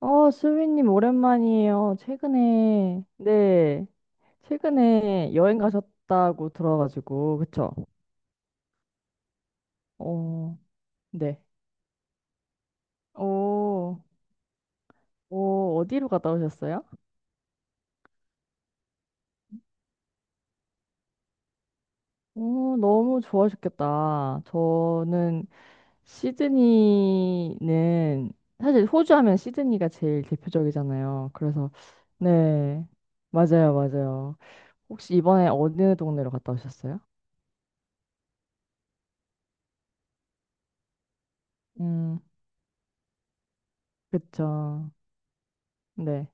수빈님, 오랜만이에요. 최근에, 네, 최근에 여행 가셨다고 들어가지고, 그쵸? 어, 네. 어, 어디로 갔다 오셨어요? 오, 너무 좋아하셨겠다. 저는 시드니는, 사실 호주 하면 시드니가 제일 대표적이잖아요. 그래서, 네, 맞아요, 맞아요. 혹시 이번에 어느 동네로 갔다 오셨어요? 음, 그쵸. 네.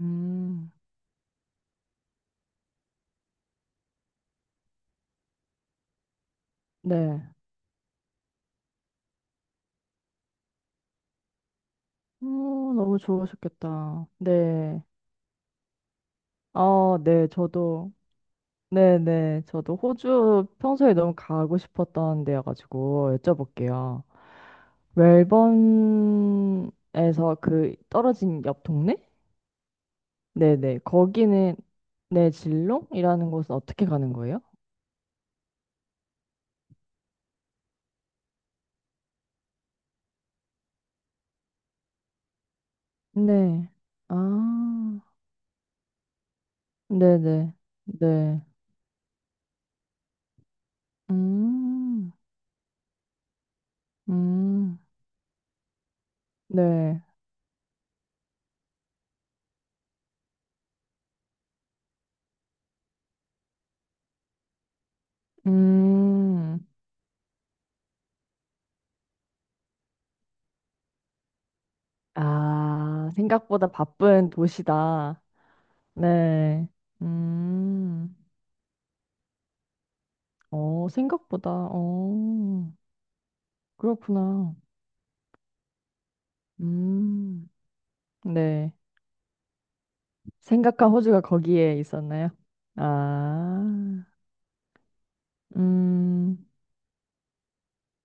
음. 네. 어, 너무 좋으셨겠다. 네. 아, 네. 저도, 네네. 저도 호주 평소에 너무 가고 싶었던 데여가지고 여쭤볼게요. 멜번에서 그 떨어진 옆 동네? 네네. 거기는, 네, 질롱이라는 곳은 어떻게 가는 거예요? 네. 아, 네네. 네. 네. 음, 음, 네. 음. 아, 생각보다 바쁜 도시다. 네. 음. 어, 생각보다. 어. 그렇구나. 음. 네. 생각한 호주가 거기에 있었나요? 아. 음.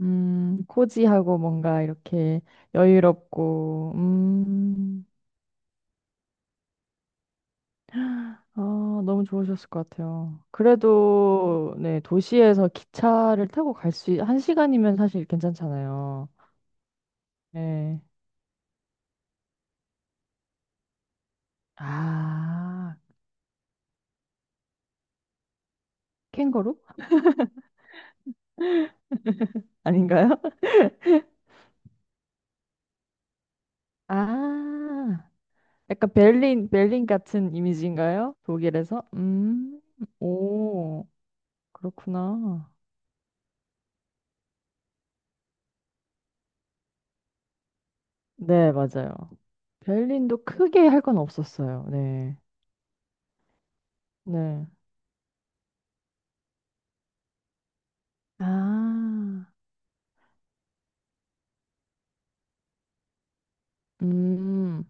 음. 코지하고 뭔가 이렇게 여유롭고. 음. 아, 너무 좋으셨을 것 같아요. 그래도 네, 도시에서 기차를 타고 갈 수, 한 시간이면 사실 괜찮잖아요. 네. 아, 캥거루? 아닌가요? 아, 약간 벨린 같은 이미지인가요? 독일에서? 오, 그렇구나. 네, 맞아요. 벨린도 크게 할 건 없었어요. 네. 네. 아, 음,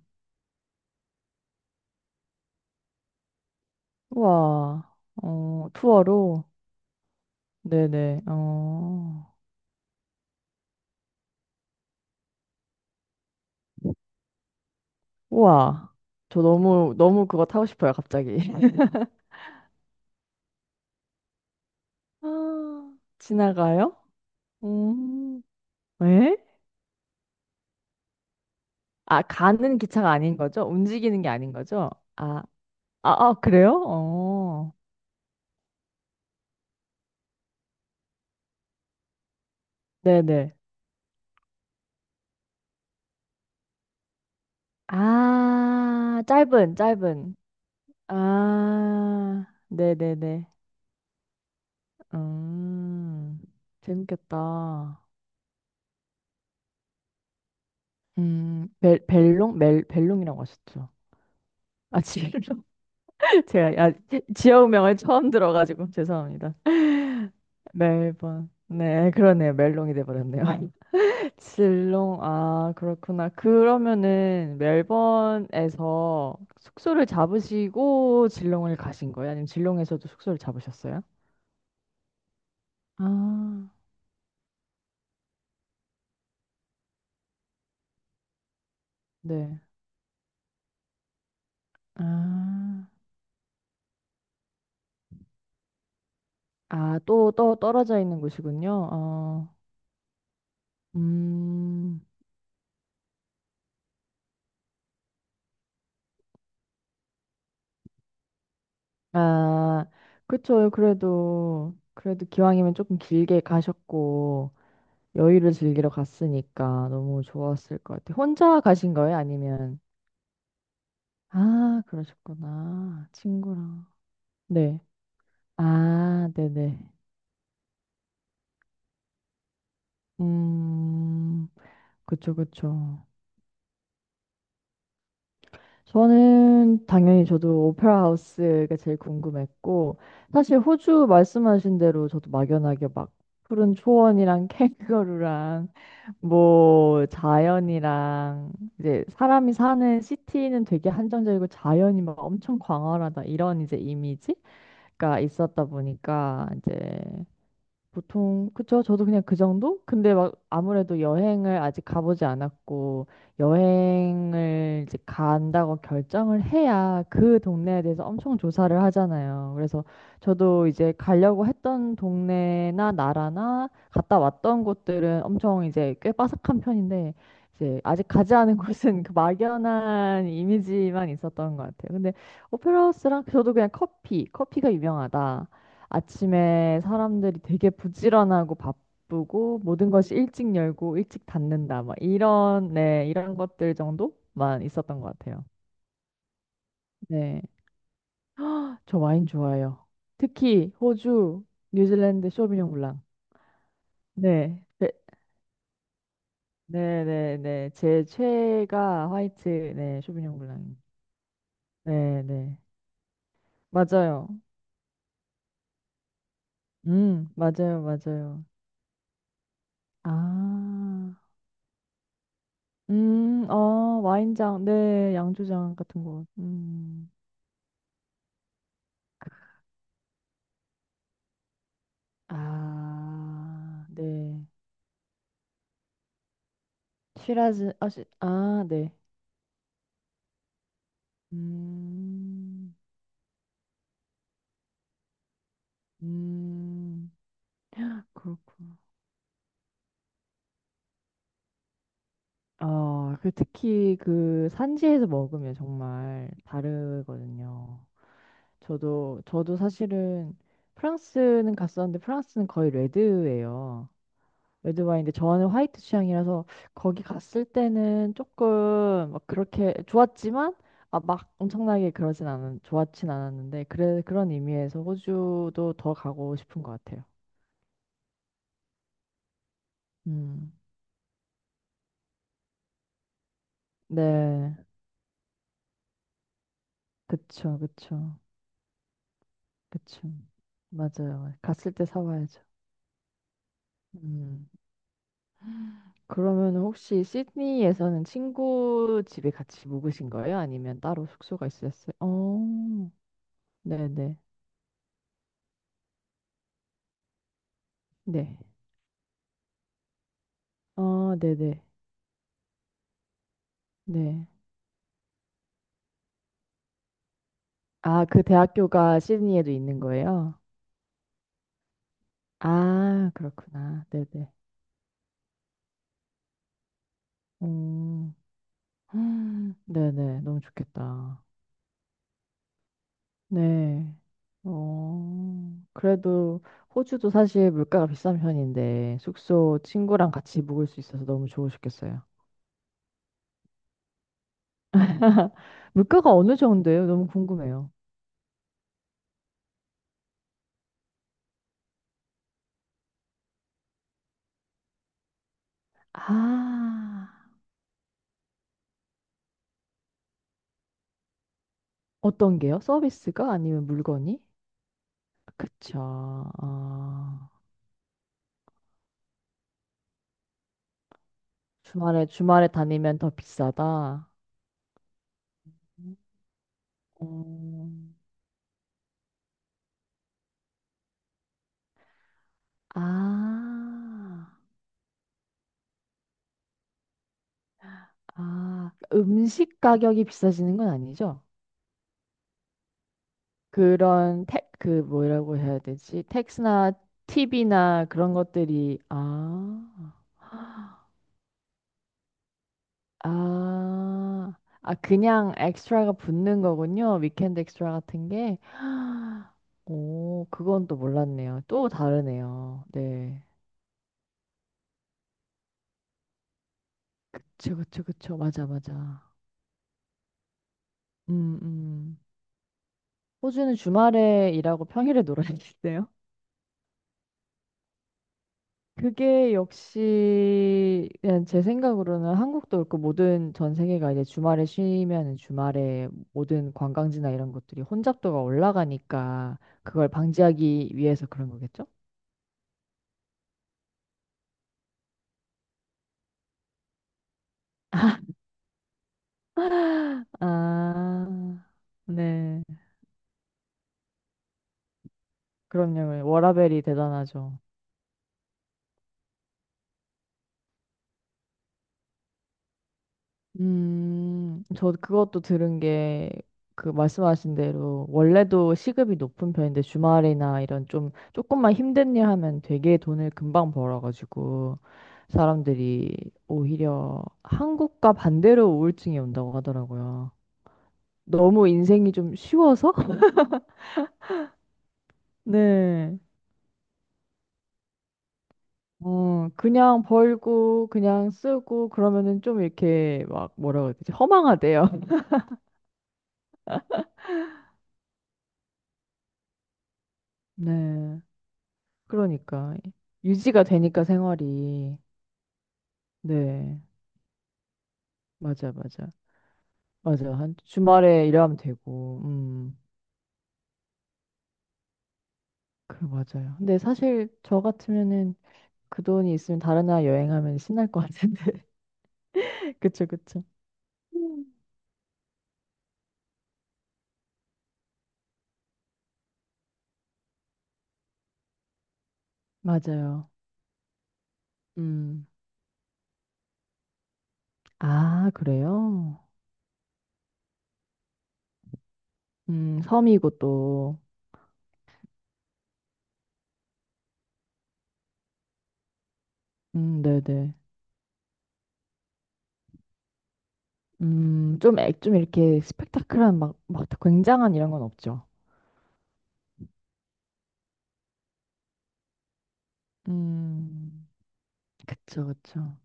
우와, 어, 투어로? 네네, 어, 우와. 저 너무 그거 타고 싶어요, 갑자기. 아, 지나가요? 음. 왜? 아, 가는 기차가 아닌 거죠? 움직이는 게 아닌 거죠? 아, 아, 그래요? 어, 네네. 아, 짧은. 아, 네네네. 음, 재밌겠다. 벨롱? 벨롱이라고 하셨죠? 아, 지벨롱. 제가, 야, 지역명을 처음 들어가지고, 죄송합니다. 멜번. 네, 그러네요. 멜롱이 돼버렸네요. 질롱, 아, 그렇구나. 그러면은 멜번에서 숙소를 잡으시고 질롱을 가신 거예요? 아니면 질롱에서도 숙소를 잡으셨어요? 아, 네. 아, 아, 또, 또 떨어져 있는 곳이군요. 어, 음, 아, 그쵸. 그래도, 그래도 기왕이면 조금 길게 가셨고, 여유를 즐기러 갔으니까 너무 좋았을 것 같아요. 혼자 가신 거예요? 아니면? 아, 그러셨구나. 친구랑. 네. 아, 네네. 음, 그쵸, 그쵸. 저는 당연히 저도 오페라 하우스가 제일 궁금했고, 사실 호주 말씀하신 대로 저도 막연하게 막 푸른 초원이랑 캥거루랑 뭐 자연이랑 이제 사람이 사는 시티는 되게 한정적이고 자연이 막 엄청 광활하다 이런 이제 이미지가 있었다 보니까 이제 보통 그쵸? 저도 그냥 그 정도? 근데 막 아무래도 여행을 아직 가보지 않았고 여행을 이제 간다고 결정을 해야 그 동네에 대해서 엄청 조사를 하잖아요. 그래서 저도 이제 가려고 했던 동네나 나라나 갔다 왔던 곳들은 엄청 이제 꽤 빠삭한 편인데 이제 아직 가지 않은 곳은 그 막연한 이미지만 있었던 것 같아요. 근데 오페라 하우스랑 저도 그냥 커피가 유명하다. 아침에 사람들이 되게 부지런하고 바쁘고 모든 것이 일찍 열고 일찍 닫는다. 막 이런, 네, 이런 것들 정도만 있었던 것 같아요. 네. 저 와인 좋아해요. 특히 호주, 뉴질랜드 쇼비뇽 블랑. 네. 네, 제 최애가 화이트, 네, 쇼비뇽 블랑입니다. 네, 네. 맞아요. 맞아요, 맞아요. 아, 어, 네, 양조장 같은 거. 음. 아, 네. 아, 네. 음, 음, 그렇구나. 어, 그 특히 그 산지에서 먹으면 정말 다르거든요. 저도 사실은 프랑스는 갔었는데 프랑스는 거의 레드예요. 레드 와인인데 저는 화이트 취향이라서 거기 갔을 때는 조금 막 그렇게 좋았지만 아, 막 엄청나게 그러진 않은 좋았진 않았는데 그래 그런 의미에서 호주도 더 가고 싶은 것 같아요. 음. 네. 그쵸, 그쵸, 그쵸. 맞아요. 갔을 때 사와야죠. 음. 그러면 혹시 시드니에서는 친구 집에 같이 묵으신 거예요? 아니면 따로 숙소가 있으셨어요? 어, 네네. 네. 어, 네네. 네. 아, 그 대학교가 시드니에도 있는 거예요? 아, 그렇구나. 네네. 음, 네네. 너무 좋겠다. 네. 어, 그래도 호주도 사실 물가가 비싼 편인데 숙소 친구랑 같이 묵을 수 있어서 너무 좋으셨겠어요. 물가가 어느 정도예요? 너무 궁금해요. 아, 어떤 게요? 서비스가 아니면 물건이? 그쵸. 아, 주말에 다니면 더 비싸다. 음, 어. 아, 음식 가격이 비싸지는 건 아니죠? 그런 택, 그 뭐라고 해야 되지? 택스나 팁이나 그런 것들이, 아, 아, 그냥 엑스트라가 붙는 거군요. 위켄드 엑스트라 같은 게. 오, 그건 또 몰랐네요. 또 다르네요. 네. 그쵸. 맞아, 맞아. 음, 음. 호주는 주말에 일하고 평일에 놀아야겠네요. 그게 역시 그냥 제 생각으로는 한국도 그렇고 모든 전 세계가 이제 주말에 쉬면 주말에 모든 관광지나 이런 것들이 혼잡도가 올라가니까 그걸 방지하기 위해서 그런 거겠죠? 아, 네. 그럼요. 워라밸이 대단하죠. 저 그것도 들은 게, 그 말씀하신 대로, 원래도 시급이 높은 편인데, 주말이나 이런 좀, 조금만 힘든 일 하면 되게 돈을 금방 벌어가지고, 사람들이 오히려 한국과 반대로 우울증이 온다고 하더라고요. 너무 인생이 좀 쉬워서? 네. 어, 그냥 벌고, 그냥 쓰고, 그러면은 좀 이렇게 막, 뭐라고 해야 되지? 허망하대요. 네. 그러니까. 유지가 되니까 생활이. 네, 맞아, 맞아. 맞아. 한 주말에 일하면 되고, 그, 맞아요. 근데 사실 저 같으면은 그 돈이 있으면 다른 나라 여행하면 신날 것 같은데. 그쵸, 그쵸. 음. 맞아요. 음, 아, 그래요? 섬이고 또, 네네. 좀 이렇게 스펙타클한 막, 막 굉장한 이런 건 없죠. 음, 그쵸, 그쵸.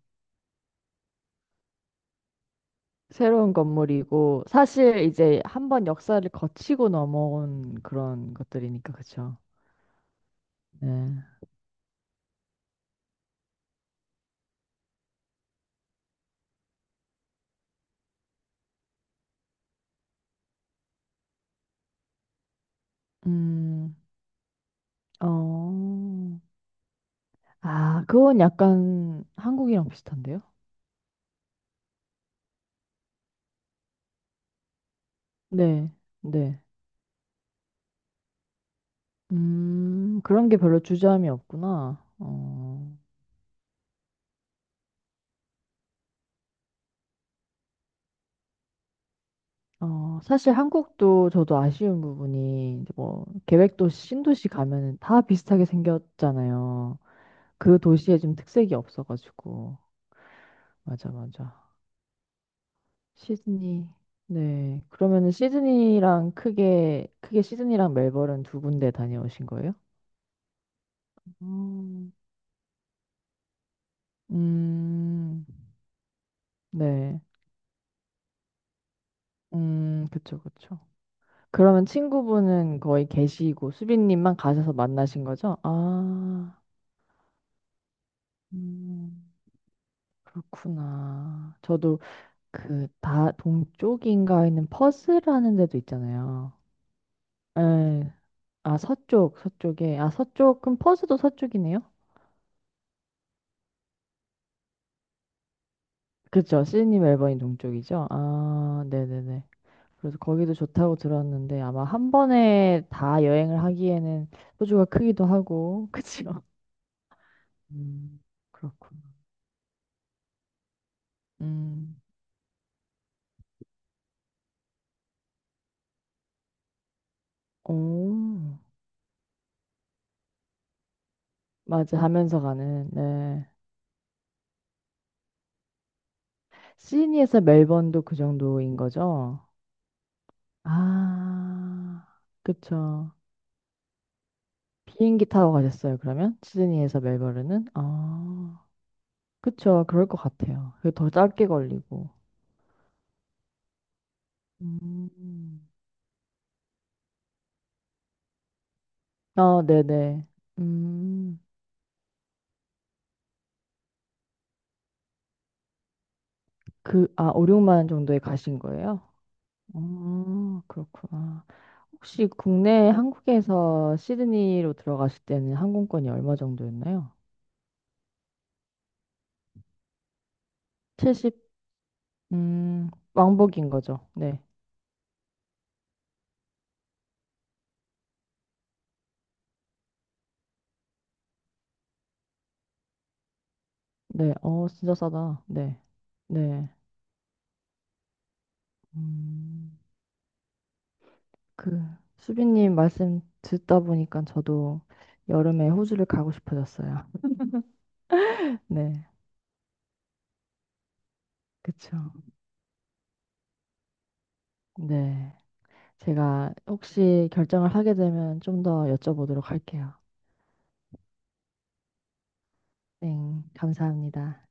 새로운 건물이고 사실 이제 한번 역사를 거치고 넘어온 그런 것들이니까 그쵸? 네. 음, 어, 아, 그건 약간 한국이랑 비슷한데요? 네, 네. 그런 게 별로 주저함이 없구나. 어, 어, 사실 한국도 저도 아쉬운 부분이 이제 뭐 계획도시, 신도시 가면은 다 비슷하게 생겼잖아요. 그 도시에 좀 특색이 없어가지고. 맞아, 맞아. 시드니. 네. 그러면은 시드니랑 크게 시드니랑 멜버른 두 군데 다녀오신 거예요? 음. 음, 네. 그쵸, 그쵸. 그러면 친구분은 거의 계시고 수빈님만 가셔서 만나신 거죠? 아, 음. 그렇구나. 저도 그 다 동쪽인가 있는 퍼스라는 데도 있잖아요. 에, 아, 서쪽에. 그럼 퍼스도 서쪽이네요? 그쵸. C님 앨범이 동쪽이죠? 아, 네네네. 그래서 거기도 좋다고 들었는데 아마 한 번에 다 여행을 하기에는 호주가 크기도 하고, 그쵸? 음, 그렇군. 음, 오, 맞아. 하면서 가는, 네. 시드니에서 멜번도 그 정도인 거죠? 아, 그쵸. 비행기 타고 가셨어요, 그러면? 시드니에서 멜버른은? 아, 그쵸. 그럴 것 같아요. 그게 더 짧게 걸리고. 음, 아, 네네. 음, 그, 아, 5, 6만 정도에 가신 거예요? 어, 그렇구나. 혹시 국내 한국에서 시드니로 들어가실 때는 항공권이 얼마 정도였나요? 70, 왕복인 거죠. 네. 네. 어, 진짜 싸다. 네. 네. 음, 그, 수빈님 말씀 듣다 보니까 저도 여름에 호주를 가고 싶어졌어요. 네. 그쵸. 네. 제가 혹시 결정을 하게 되면 좀 더 여쭤보도록 할게요. 네, 감사합니다.